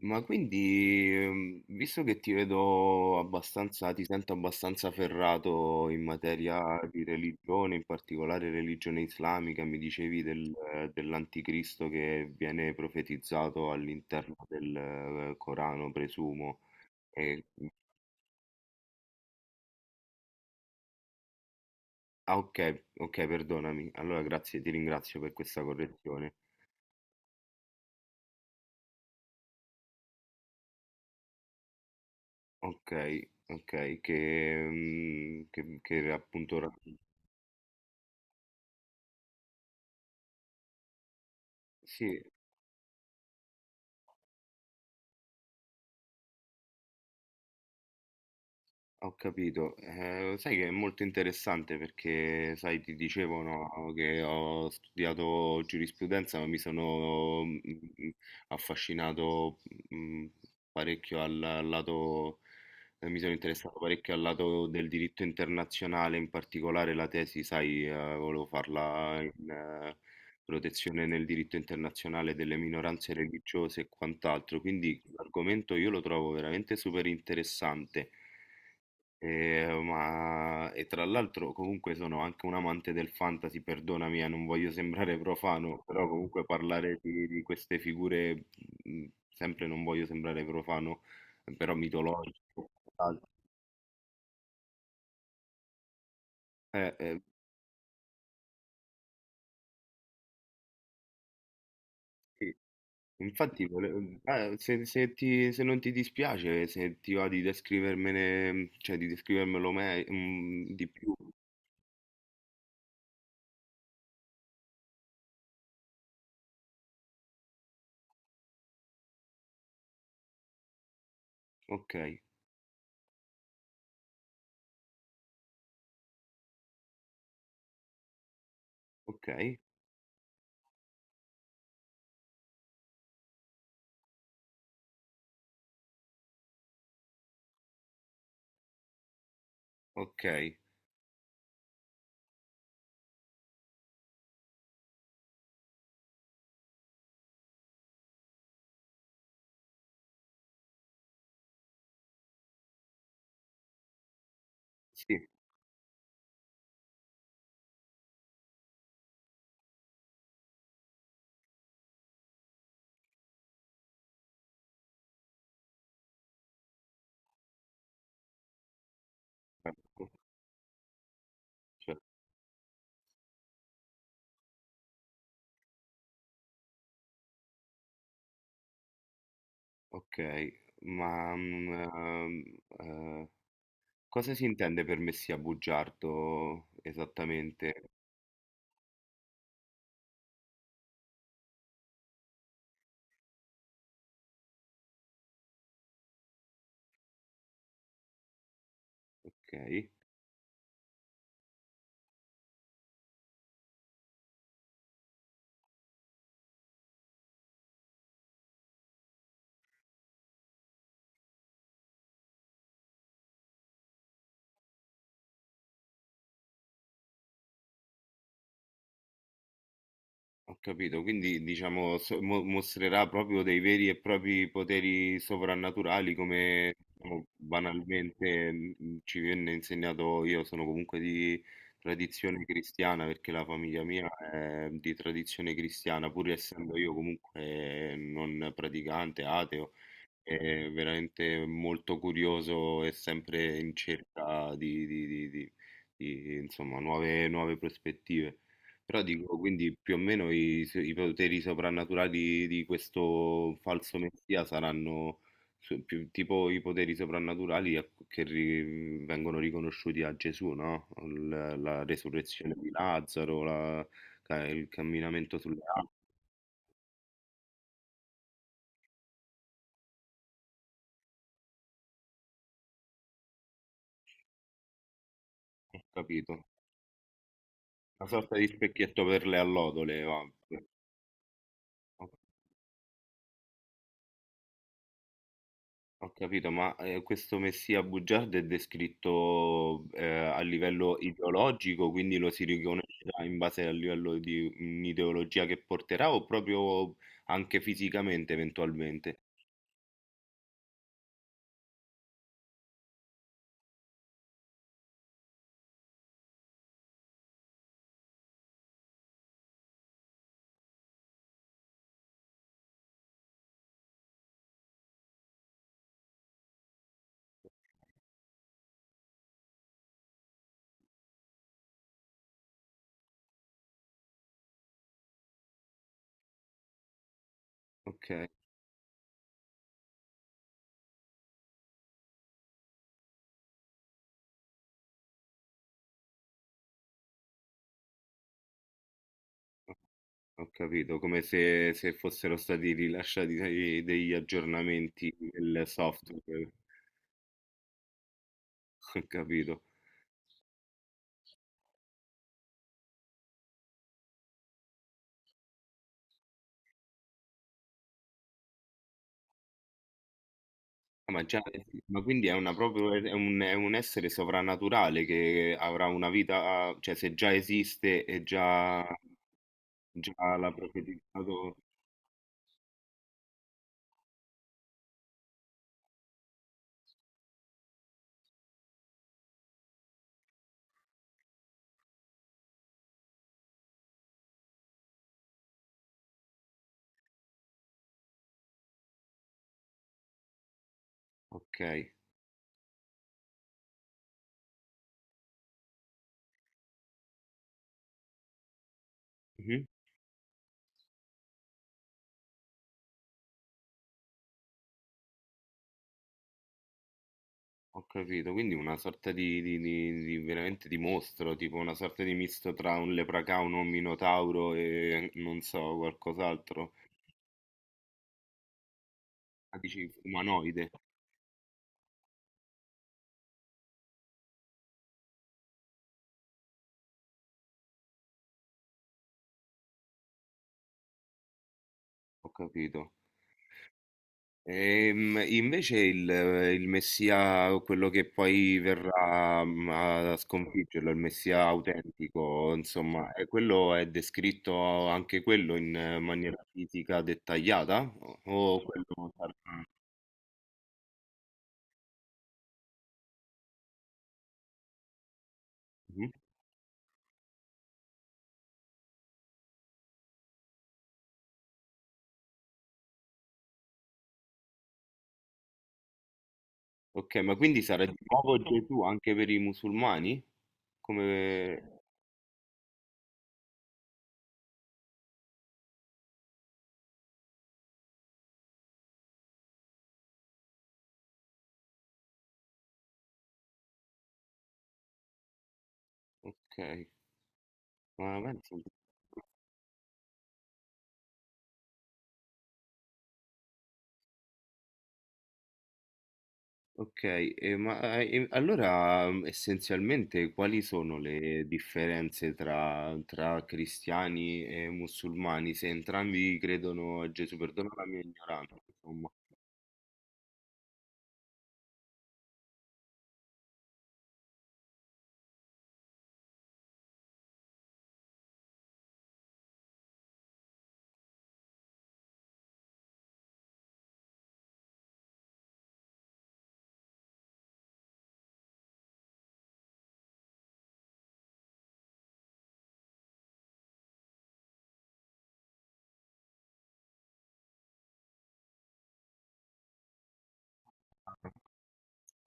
Ma quindi, visto che ti vedo abbastanza, ti sento abbastanza ferrato in materia di religione, in particolare religione islamica, mi dicevi del, dell'anticristo che viene profetizzato all'interno del, Corano, presumo. E- mhmm, ah, ok, ok, perdonami. Allora, grazie, ti ringrazio per questa correzione. Ok, ok, che appunto... Sì, ho capito. Sai che è molto interessante perché, sai, ti dicevo no, che ho studiato giurisprudenza, ma mi sono mm, affascinato mm, parecchio al lato, mi sono interessato parecchio al lato del diritto internazionale, in particolare la tesi, sai, volevo farla in protezione nel diritto internazionale delle minoranze religiose e quant'altro, quindi l'argomento io lo trovo veramente super interessante. Ma... E tra l'altro comunque sono anche un amante del fantasy, perdonami, non voglio sembrare profano, però comunque parlare di queste figure, mh, sempre non voglio sembrare profano, però mitologiche o quant'altro. Eh, eh, sì. Infatti, se, se non ti dispiace, se ti va di descrivermene, cioè di descrivermelo me, di più. Ok, ok, ok, sì, ecco, certo. Okay, ma, ehm, cosa si intende per me sia bugiardo esattamente? Okay, ho capito. Quindi diciamo s mo mostrerà proprio dei veri e propri poteri soprannaturali come diciamo banalmente, ci venne insegnato, io sono comunque di tradizione cristiana, perché la famiglia mia è di tradizione cristiana, pur essendo io comunque non praticante, ateo. È veramente molto curioso e sempre in cerca di insomma, nuove prospettive. Però dico, quindi più o meno i poteri soprannaturali di questo falso messia saranno tipo i poteri soprannaturali che vengono riconosciuti a Gesù, no? La resurrezione di Lazzaro, il camminamento sulle acque, ho capito. Una sorta di specchietto per le allodole, va. Ho ho capito, ma questo messia bugiardo è descritto a livello ideologico, quindi lo si riconoscerà in base al livello di un'ideologia che porterà, o proprio anche fisicamente eventualmente? Ok, ho capito, come se, se fossero stati rilasciati degli aggiornamenti del software, ho capito. Ah, ma già sì, ma quindi è una proprio, è un, è un essere sovrannaturale che avrà una vita, cioè se già esiste e già l'ha profetizzato, okay. Mh-mh. Ho capito, quindi una sorta di veramente di mostro, tipo una sorta di misto tra un leprecaun, un minotauro e non so, qualcos'altro. Ah, dici umanoide? Ho capito. Invece il messia, quello che poi verrà a sconfiggerlo, il messia autentico, insomma, quello è descritto anche quello in maniera fisica dettagliata? O quello sarà... Mhm. Ok, ma quindi sarà di nuovo Gesù anche per i musulmani? Come... Ok, ma penso. Ok, e ma e allora essenzialmente quali sono le differenze tra cristiani e musulmani? Se entrambi credono a Gesù, perdona la mia ignoranza, insomma.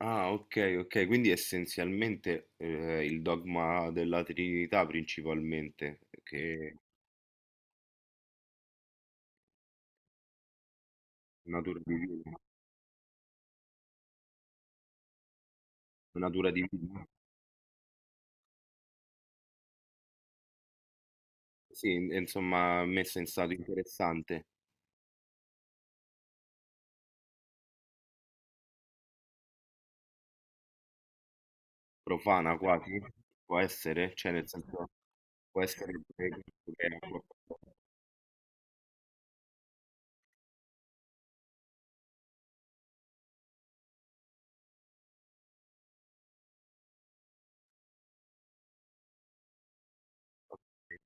Ah, ok, ok, quindi essenzialmente il dogma della Trinità principalmente, che è natura divina, natura divina. Sì, insomma, messa in stato interessante. Profana quasi? Può essere? Cioè nel senso, può essere... pure che-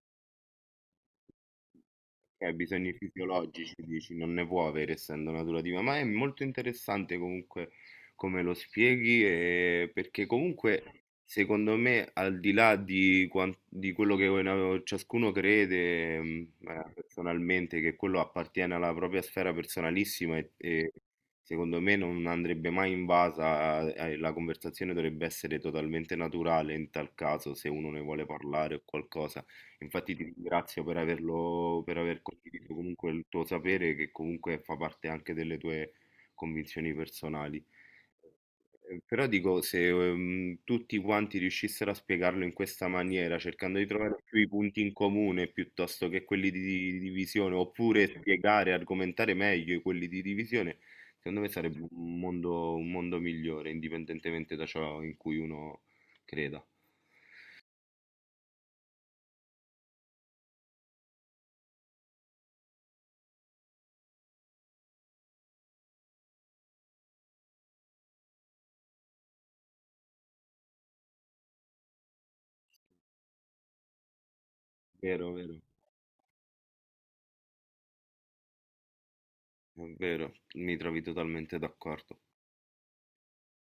Ok, bisogni fisiologici, dici, non ne può avere essendo natura, ma è molto interessante comunque come lo spieghi, perché comunque secondo me al di là di, di quello che ciascuno crede, personalmente, che quello appartiene alla propria sfera personalissima e secondo me non andrebbe mai invasa, la conversazione dovrebbe essere totalmente naturale in tal caso, se uno ne vuole parlare o qualcosa. Infatti ti ringrazio per averlo, per aver condiviso comunque il tuo sapere, che comunque fa parte anche delle tue convinzioni personali. Però dico, se tutti quanti riuscissero a spiegarlo in questa maniera, cercando di trovare più i punti in comune piuttosto che quelli di divisione, oppure spiegare, argomentare meglio quelli di divisione, secondo me sarebbe un mondo migliore, indipendentemente da ciò in cui uno creda. Vero, vero. È vero, mi trovi totalmente d'accordo.